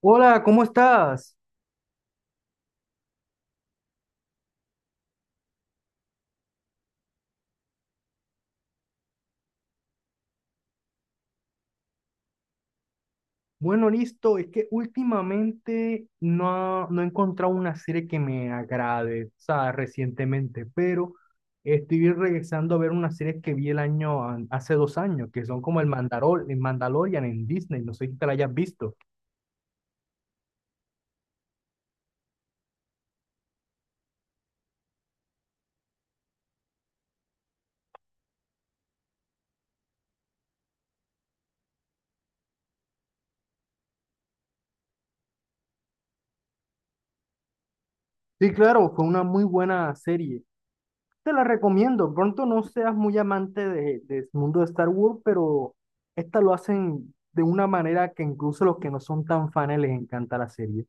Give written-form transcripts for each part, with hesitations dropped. Hola, ¿cómo estás? Bueno, listo. Es que últimamente no he encontrado una serie que me agrade, o sea, recientemente, pero estoy regresando a ver una serie que vi hace 2 años, que son como el Mandalorian en Disney. No sé si te la hayas visto. Sí, claro, fue una muy buena serie. Te la recomiendo. Pronto no seas muy amante del mundo de Star Wars, pero esta lo hacen de una manera que incluso los que no son tan fans les encanta la serie.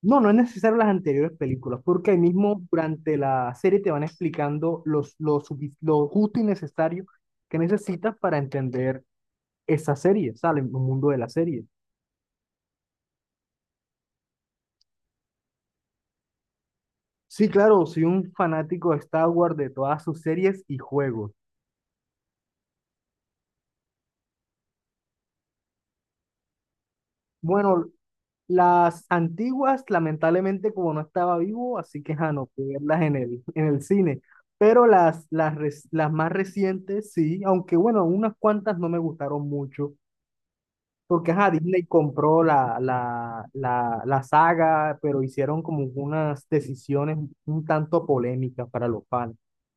No, no es necesario las anteriores películas, porque ahí mismo durante la serie te van explicando lo justo y necesario que necesitas para entender esa serie, ¿sale? El mundo de la serie. Sí, claro, soy un fanático de Star Wars, de todas sus series y juegos. Bueno, las antiguas, lamentablemente, como no estaba vivo, así que ja, no pude verlas en en el cine. Pero las más recientes, sí, aunque bueno, unas cuantas no me gustaron mucho. Porque ajá, Disney compró la saga, pero hicieron como unas decisiones un tanto polémicas para los fans,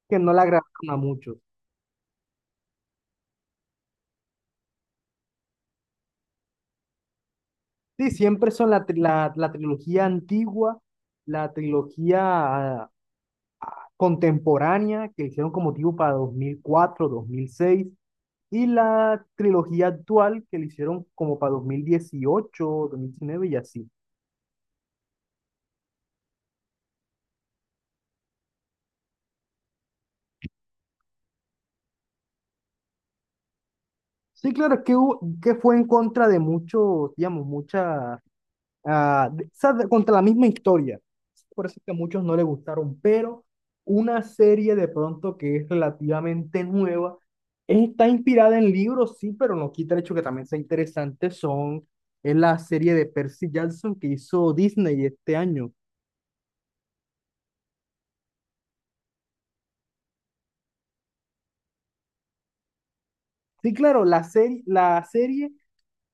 que no la agradaron a muchos. Sí, siempre son la trilogía antigua, la trilogía ah, contemporánea, que hicieron como tipo para 2004, 2006, y la trilogía actual, que le hicieron como para 2018, 2019 y así. Sí, claro, es que, que fue en contra de muchos, digamos, muchas contra la misma historia. Por eso es que a muchos no les gustaron, pero una serie de pronto que es relativamente nueva, está inspirada en libros, sí, pero no quita el hecho que también sea interesante, son, es la serie de Percy Jackson que hizo Disney este año. Sí, claro, la serie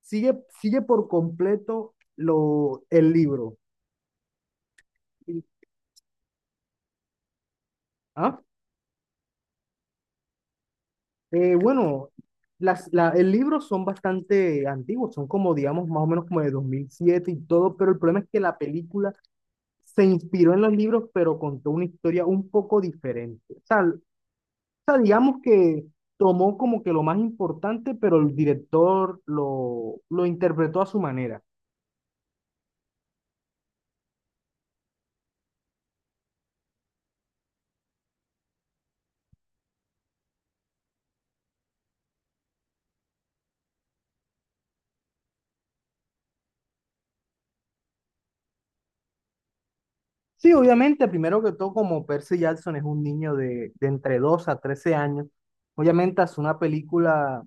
sigue por completo el libro. ¿Ah? Bueno, el libro son bastante antiguos, son como, digamos, más o menos como de 2007 y todo, pero el problema es que la película se inspiró en los libros, pero contó una historia un poco diferente. O sea, digamos que tomó como que lo más importante, pero el director lo interpretó a su manera. Sí, obviamente, primero que todo, como Percy Jackson es un niño de entre 2 a 13 años, obviamente hacer una película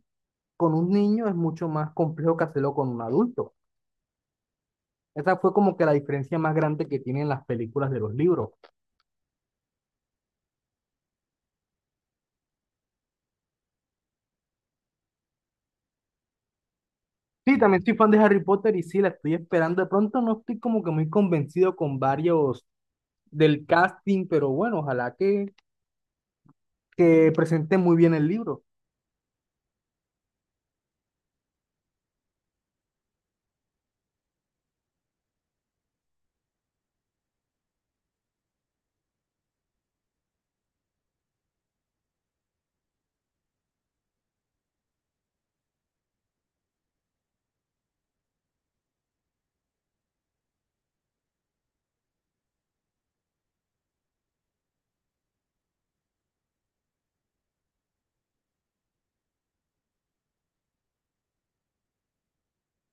con un niño es mucho más complejo que hacerlo con un adulto. Esa fue como que la diferencia más grande que tienen las películas de los libros. Sí, también soy fan de Harry Potter y sí, la estoy esperando. De pronto no estoy como que muy convencido con varios del casting, pero bueno, ojalá que presenten muy bien el libro.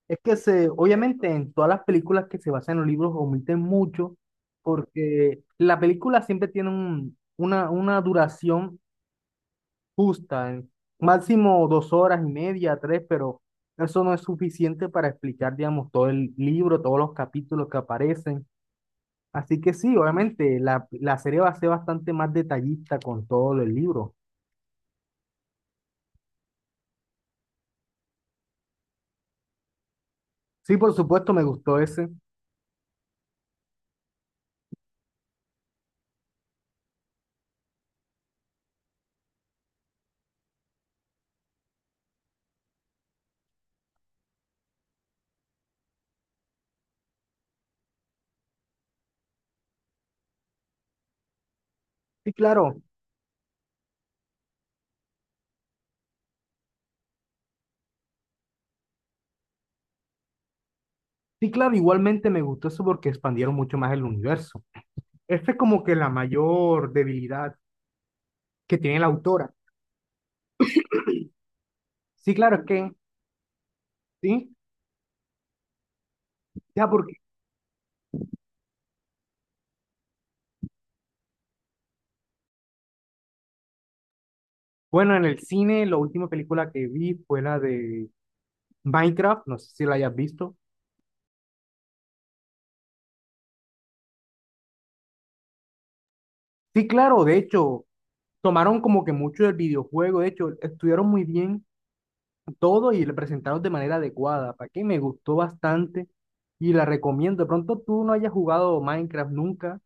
Es que se, obviamente en todas las películas que se basan en los libros omiten mucho porque la película siempre tiene una duración justa, en máximo 2 horas y media, tres, pero eso no es suficiente para explicar, digamos, todo el libro, todos los capítulos que aparecen. Así que sí, obviamente, la serie va a ser bastante más detallista con todo el libro. Sí, por supuesto, me gustó ese. Sí, claro. Sí, claro, igualmente me gustó eso porque expandieron mucho más el universo. Esta es como que la mayor debilidad que tiene la autora. Sí, claro, es que, sí, ya porque, bueno, en el cine la última película que vi fue la de Minecraft, no sé si la hayas visto. Sí, claro, de hecho, tomaron como que mucho del videojuego, de hecho, estudiaron muy bien todo y lo presentaron de manera adecuada, para que me gustó bastante y la recomiendo. De pronto tú no hayas jugado Minecraft nunca.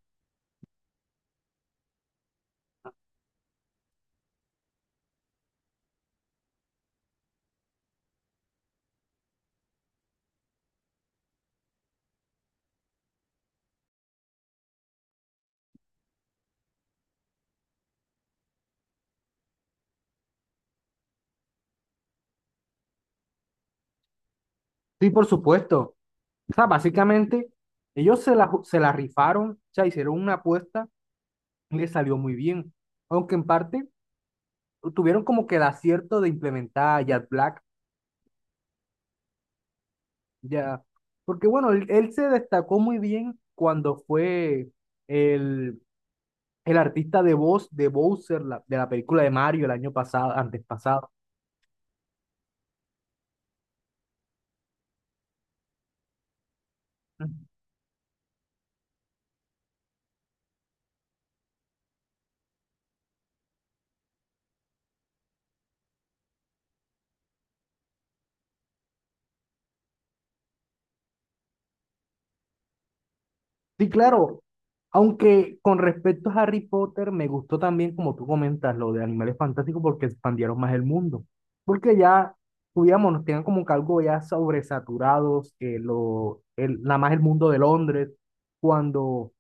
Sí, por supuesto. O sea, básicamente, ellos se la rifaron, o sea, hicieron una apuesta y les salió muy bien. Aunque en parte tuvieron como que el acierto de implementar a Jack Black. Ya, porque bueno, él se destacó muy bien cuando fue el, el artista de voz de Bowser, de la película de Mario el año pasado, antes pasado. Ujú. Sí, claro, aunque con respecto a Harry Potter, me gustó también, como tú comentas, lo de Animales Fantásticos, porque expandieron más el mundo. Porque ya, digamos, nos tenían como que algo ya sobresaturados, que nada más el mundo de Londres, cuando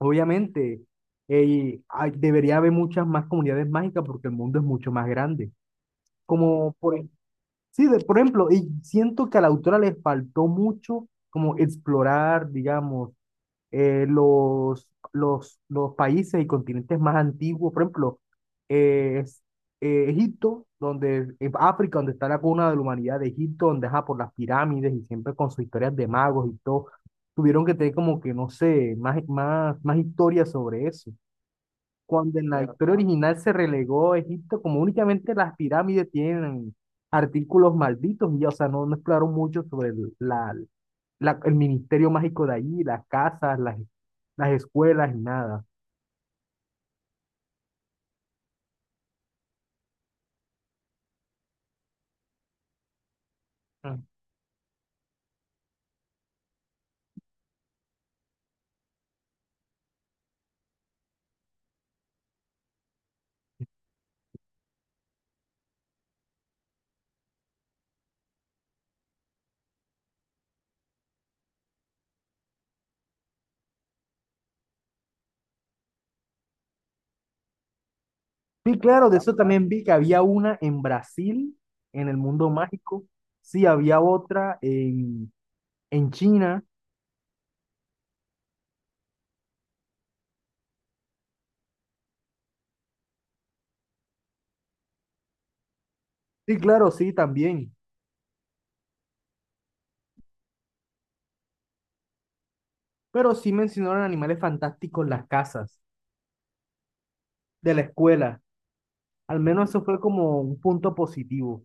obviamente, eh, debería haber muchas más comunidades mágicas porque el mundo es mucho más grande. Como por, ej- sí, por ejemplo, y siento que a la autora le faltó mucho como explorar, digamos, los países y continentes más antiguos, por ejemplo, eh, es- Egipto, donde, África, donde está la cuna de la humanidad de Egipto, donde ajá, por las pirámides y siempre con sus historias de magos y todo, tuvieron que tener como que, no sé, más historias sobre eso. Cuando en la, claro, historia original se relegó a Egipto, como únicamente las pirámides tienen artículos malditos, y ya, o sea, no, no exploraron mucho sobre el ministerio mágico de allí, las casas, las escuelas y nada. Mm. Sí, claro, de Ah, eso también vi que había una en Brasil, en el mundo mágico. Sí, había otra en China. Sí, claro, sí, también. Pero sí mencionaron animales fantásticos en las casas, de la escuela. Al menos eso fue como un punto positivo.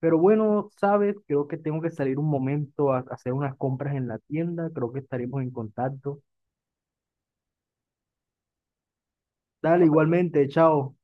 Pero bueno, sabes, creo que tengo que salir un momento a hacer unas compras en la tienda. Creo que estaremos en contacto. Dale, igualmente, chao.